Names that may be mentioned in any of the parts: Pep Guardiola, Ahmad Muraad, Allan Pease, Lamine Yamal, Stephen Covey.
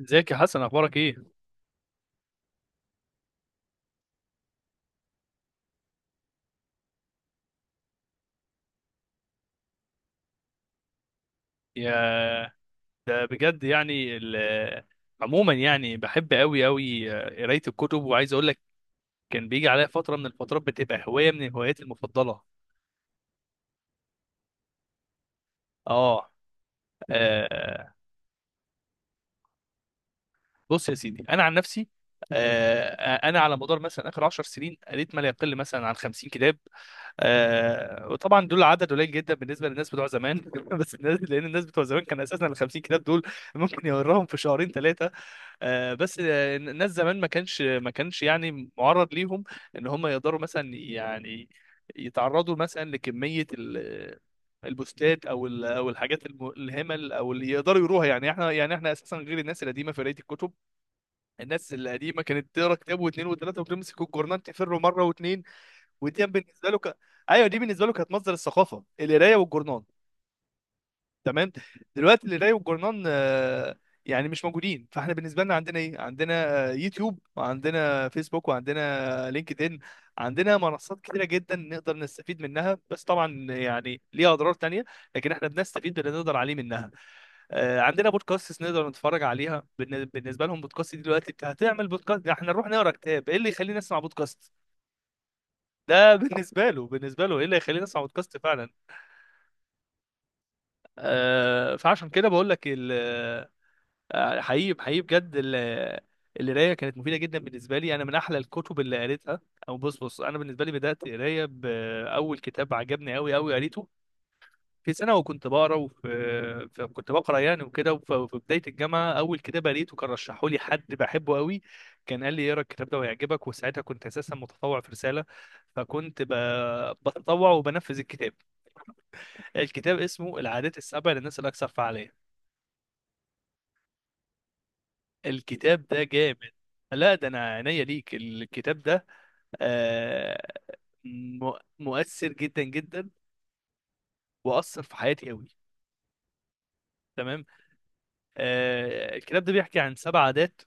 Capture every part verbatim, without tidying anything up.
ازيك يا حسن، اخبارك ايه؟ يا ده بجد. يعني ال... عموما، يعني بحب قوي قوي قرايه الكتب، وعايز اقول لك كان بيجي عليا فتره من الفترات بتبقى هوايه من هواياتي المفضله. اه. آه، بص يا سيدي، انا عن نفسي، آه، انا على مدار مثلا اخر 10 سنين قريت ما لا يقل مثلا عن 50 كتاب. آه، وطبعا دول عدد قليل جدا بالنسبه للناس بتوع زمان. بس الناس، لان الناس بتوع زمان كان اساسا ال 50 كتاب دول ممكن يقراهم في شهرين ثلاثه. آه، بس آه، الناس زمان ما كانش ما كانش يعني معرض ليهم ان هم يقدروا مثلا، يعني يتعرضوا مثلا لكمية ال- البوستات، او ال- او الحاجات الم- الهمل، او اللي يقدروا يروها. يعني احنا يعني احنا اساسا غير الناس القديمه في قرايه الكتب. الناس القديمه كانت تقرا كتاب واثنين وثلاثه، وتمسك الجورنان تفر مره واثنين. ودي بالنسبه له ك... ايوه، دي بالنسبه له كانت مصدر الثقافه، القرايه والجورنان. تمام. دلوقتي القرايه والجورنان آه، يعني مش موجودين. فاحنا بالنسبه لنا عندنا ايه؟ عندنا آه، يوتيوب، وعندنا فيسبوك، وعندنا لينكد ان. عندنا منصات كتيره جدا نقدر نستفيد منها، بس طبعا يعني ليها اضرار تانية. لكن احنا بنستفيد باللي نقدر عليه منها. آه، عندنا بودكاست نقدر نتفرج عليها. بالن- بالنسبه لهم، بودكاست دي دلوقتي بت- هتعمل بودكاست احنا نروح نقرا كتاب؟ ايه اللي يخلينا نسمع بودكاست؟ ده بالنسبه له بالنسبه له ايه اللي يخلينا نسمع بودكاست فعلا؟ آه، فعشان كده بقول لك. آه، حقيقي حقيقي بجد، ال- القرايه كانت مفيده جدا بالنسبه لي. انا من احلى الكتب اللي قريتها، او بص بص، انا بالنسبه لي بدات قرايه باول كتاب عجبني قوي قوي، قريته في سنه وكنت بقرا. وفي في- كنت بقرا يعني وكده. وف- وفي بدايه الجامعه اول كتاب قريته كان رشحه لي حد بحبه قوي. كان قال لي اقرا الكتاب ده وهيعجبك. وساعتها كنت اساسا متطوع في رساله، فكنت ب- بتطوع وبنفذ الكتاب. الكتاب اسمه العادات السبع للناس الاكثر فعاليه. الكتاب ده جامد. لا، ده انا عينيا ليك الكتاب ده. آه، مؤ- مؤثر جدا جدا، واثر في حياتي قوي. تمام. آه، الكتاب ده بيحكي عن سبع عادات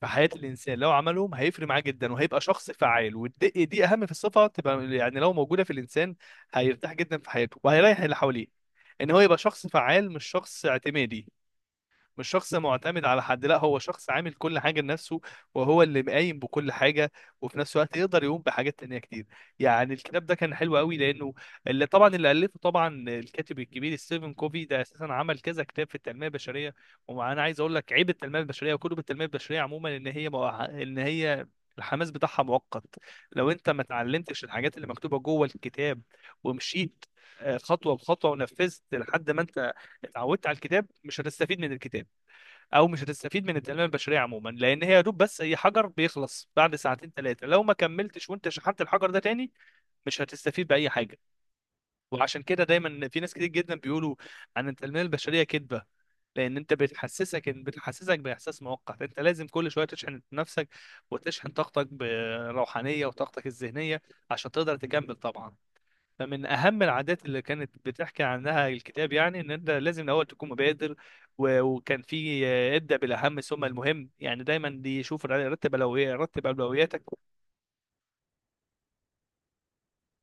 في حياة الإنسان. لو عملهم هيفرق معاه جدا، وهيبقى شخص فعال. ودي دي أهم في الصفة تبقى، يعني لو موجودة في الإنسان هيرتاح جدا في حياته، وهيريح اللي حواليه. إن هو يبقى شخص فعال، مش شخص اعتمادي، مش شخص معتمد على حد، لا، هو شخص عامل كل حاجة لنفسه، وهو اللي قايم بكل حاجة. وفي نفس الوقت يقدر يقوم بحاجات تانية كتير. يعني الكتاب ده كان حلو قوي، لأنه اللي طبعا، اللي ألفه طبعا الكاتب الكبير ستيفن كوفي، ده أساسا عمل كذا كتاب في التنمية البشرية. وأنا عايز أقول لك عيب التنمية البشرية وكتب التنمية البشرية عموما، إن هي مع- إن هي الحماس بتاعها مؤقت. لو انت ما اتعلمتش الحاجات اللي مكتوبه جوه الكتاب، ومشيت آه، خطوه بخطوه، ونفذت لحد ما انت اتعودت على الكتاب، مش هتستفيد من الكتاب، او مش هتستفيد من التنميه البشريه عموما. لان هي يا دوب بس، اي حجر بيخلص بعد ساعتين ثلاثه لو ما كملتش وانت شحنت الحجر ده تاني. مش هتستفيد باي حاجه. وعشان كده دايما في ناس كتير جدا بيقولوا عن التنميه البشريه كذبه. لان انت بتحسسك إن- بتحسسك باحساس مؤقت، انت لازم كل شويه تشحن نفسك، وتشحن طاقتك بروحانيه، وطاقتك الذهنيه، عشان تقدر تكمل طبعا. فمن اهم العادات اللي كانت بتحكي عنها الكتاب يعني، ان انت لازم الاول تكون مبادر. و- وكان في آه، ابدا بالاهم ثم المهم. يعني دايما دي، شوف الع- رتب اولويات، رتب اولوياتك.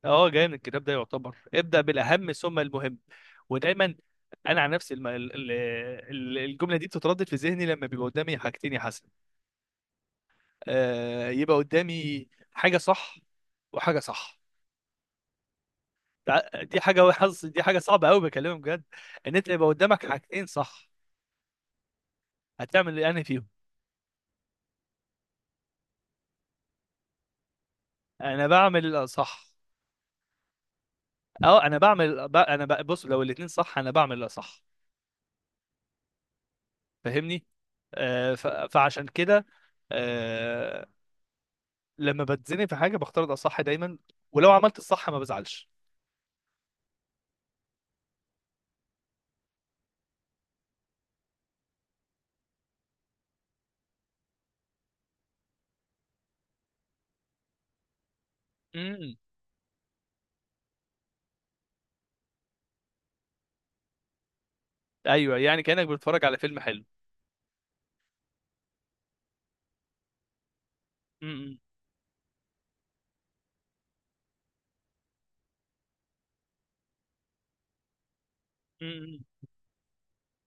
اه، جاي من الكتاب ده، يعتبر ابدا بالاهم ثم المهم. ودايما انا عن نفسي، الم- ال- ال- ال- الجمله دي بتتردد في ذهني لما بيبقى قدامي حاجتين يا حسن. آه، يبقى قدامي حاجه صح وحاجه صح. تع- دي حاجه حظ، دي حاجه صعبه قوي، بكلمك بجد. ان انت يبقى قدامك حاجتين صح، هتعمل ايه؟ أنهي فيهم؟ انا بعمل الاصح. اه، انا بعمل ب- انا ب- بص، لو الاتنين صح انا بعمل الاصح. فاهمني؟ آه ف... فعشان كده. آه لما بتزنق في حاجه، بختار الاصح دايما. ولو عملت الصح ما بزعلش. امم. ايوه، يعني كانك بتتفرج على فيلم حلو. امم، امم.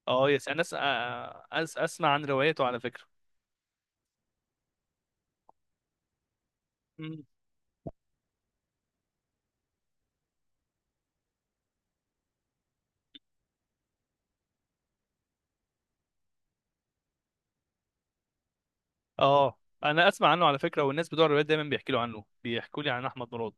اه، يس. انا أس... آه، أس... اسمع عن روايته على فكره. امم. اه، انا اسمع عنه على فكره، والناس بتوع الروايات دايما بيحكوا له عنه بيحكوا لي عن احمد مراد.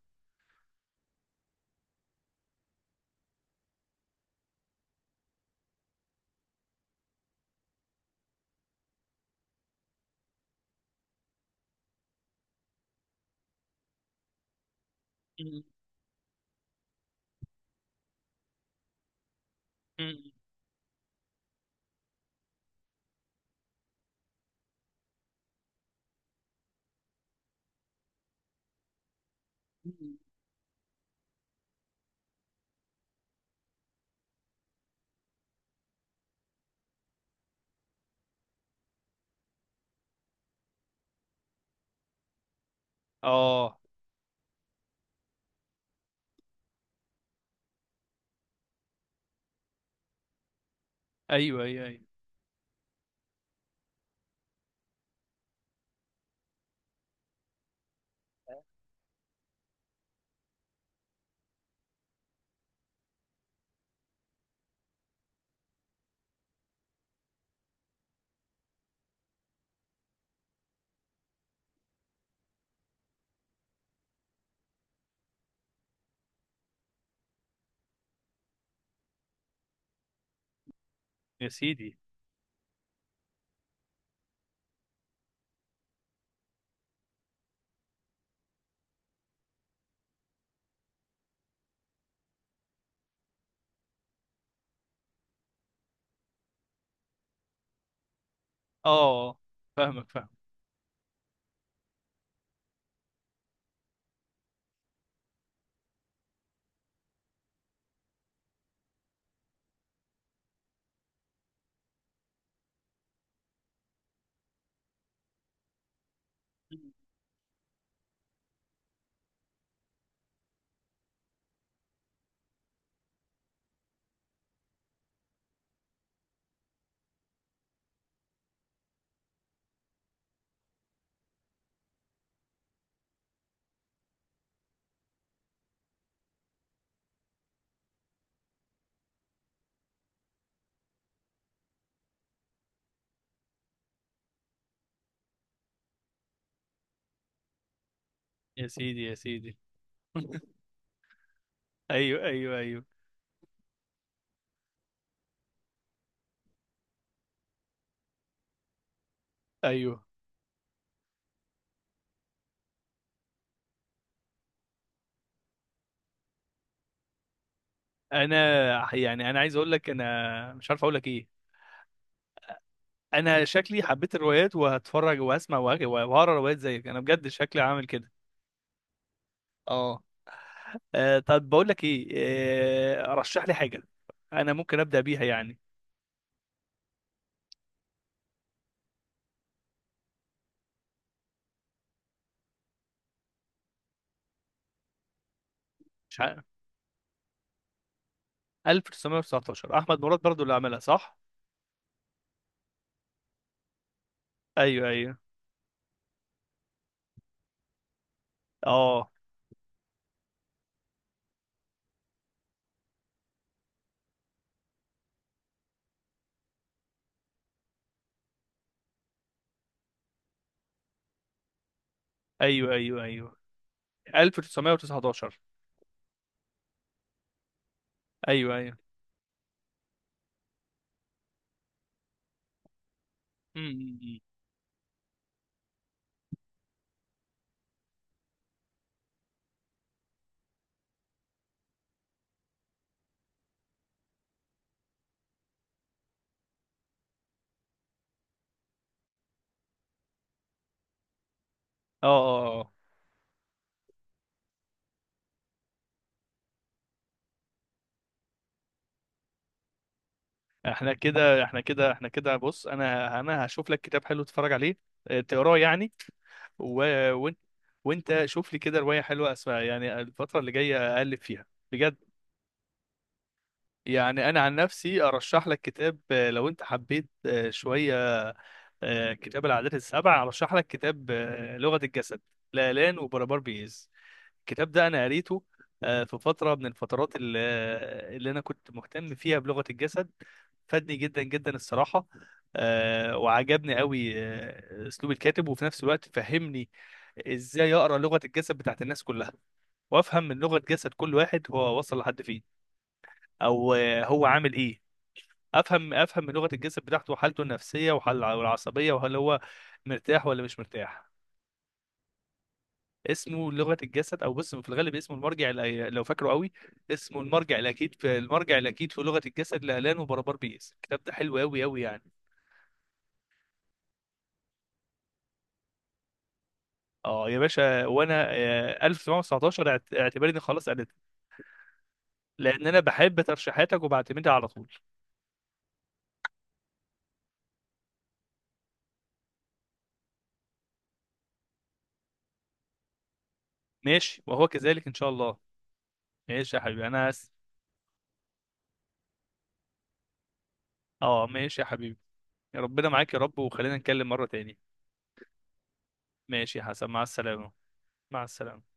امم، امم، اه. ايوه، ايوه، ايوه. يا سيدي. اه، آه. فاهمك، فاهم. يا سيدي، يا سيدي. ايوه، ايوه، ايوه، ايوه. انا، يعني انا عايز اقول لك، انا مش عارف اقول لك ايه. انا شكلي حبيت الروايات، وهتفرج وهسمع وه- وهقرا روايات زيك. انا بجد شكلي عامل كده. اه. آه، طب بقول لك ايه، آه، رشح لي حاجه انا ممكن ابدا بيها يعني. مش عارف. ألف وتسعمية وتسعتاشر، احمد مراد برضو اللي عملها، صح؟ ايوه، ايوه. اه، ايوه، ايوه، ايوه. ألف وتسعمية وتسعة عشر. ايوه، ايوه. أمم، أمم، أمم. اه، اه، آه. احنا كده احنا كده احنا كده، بص، انا انا هشوف لك كتاب حلو تتفرج عليه، آه، تقراه يعني. و... وانت، وانت شوف لي كده رواية حلوة اسمها، يعني الفترة اللي جاية اقلب فيها بجد. يعني انا عن نفسي ارشح لك كتاب، آه، لو انت حبيت آه، شوية، آه، كتاب العادات السبع. ارشح لك كتاب آه، لغة الجسد، لالان وبربار بيز. الكتاب ده انا قريته آه، في فتره من الفترات اللي, اللي انا كنت مهتم فيها بلغه الجسد. فادني جدا جدا الصراحه. آه، وعجبني قوي آه، اسلوب الكاتب، وفي نفس الوقت فهمني ازاي اقرا لغه الجسد بتاعت الناس كلها، وافهم من لغه جسد كل واحد هو وصل لحد فين، او آه، هو عامل ايه. افهم افهم من لغه الجسد بتاعته، وحالته النفسيه وحال- والعصبيه، وهل هو مرتاح ولا مش مرتاح. اسمه لغه الجسد، او بص، في الغالب اسمه المرجع الأ- لو فاكره قوي، اسمه المرجع الاكيد في المرجع الاكيد في لغه الجسد، لالان وبربار بيس. الكتاب ده حلو قوي قوي يعني. اه، يا باشا. وانا آه، ألف وتسعمية وتسعتاشر، اعت- اعتبرني خلاص قريت. لان انا بحب ترشيحاتك، وبعتمدها على طول. ماشي، وهو كذلك ان شاء الله. ماشي يا حبيبي. انا أس... اه، ماشي يا حبيبي. ربنا معاك يا رب، وخلينا نتكلم مره تاني. ماشي يا حسن، مع السلامه. مع السلامه.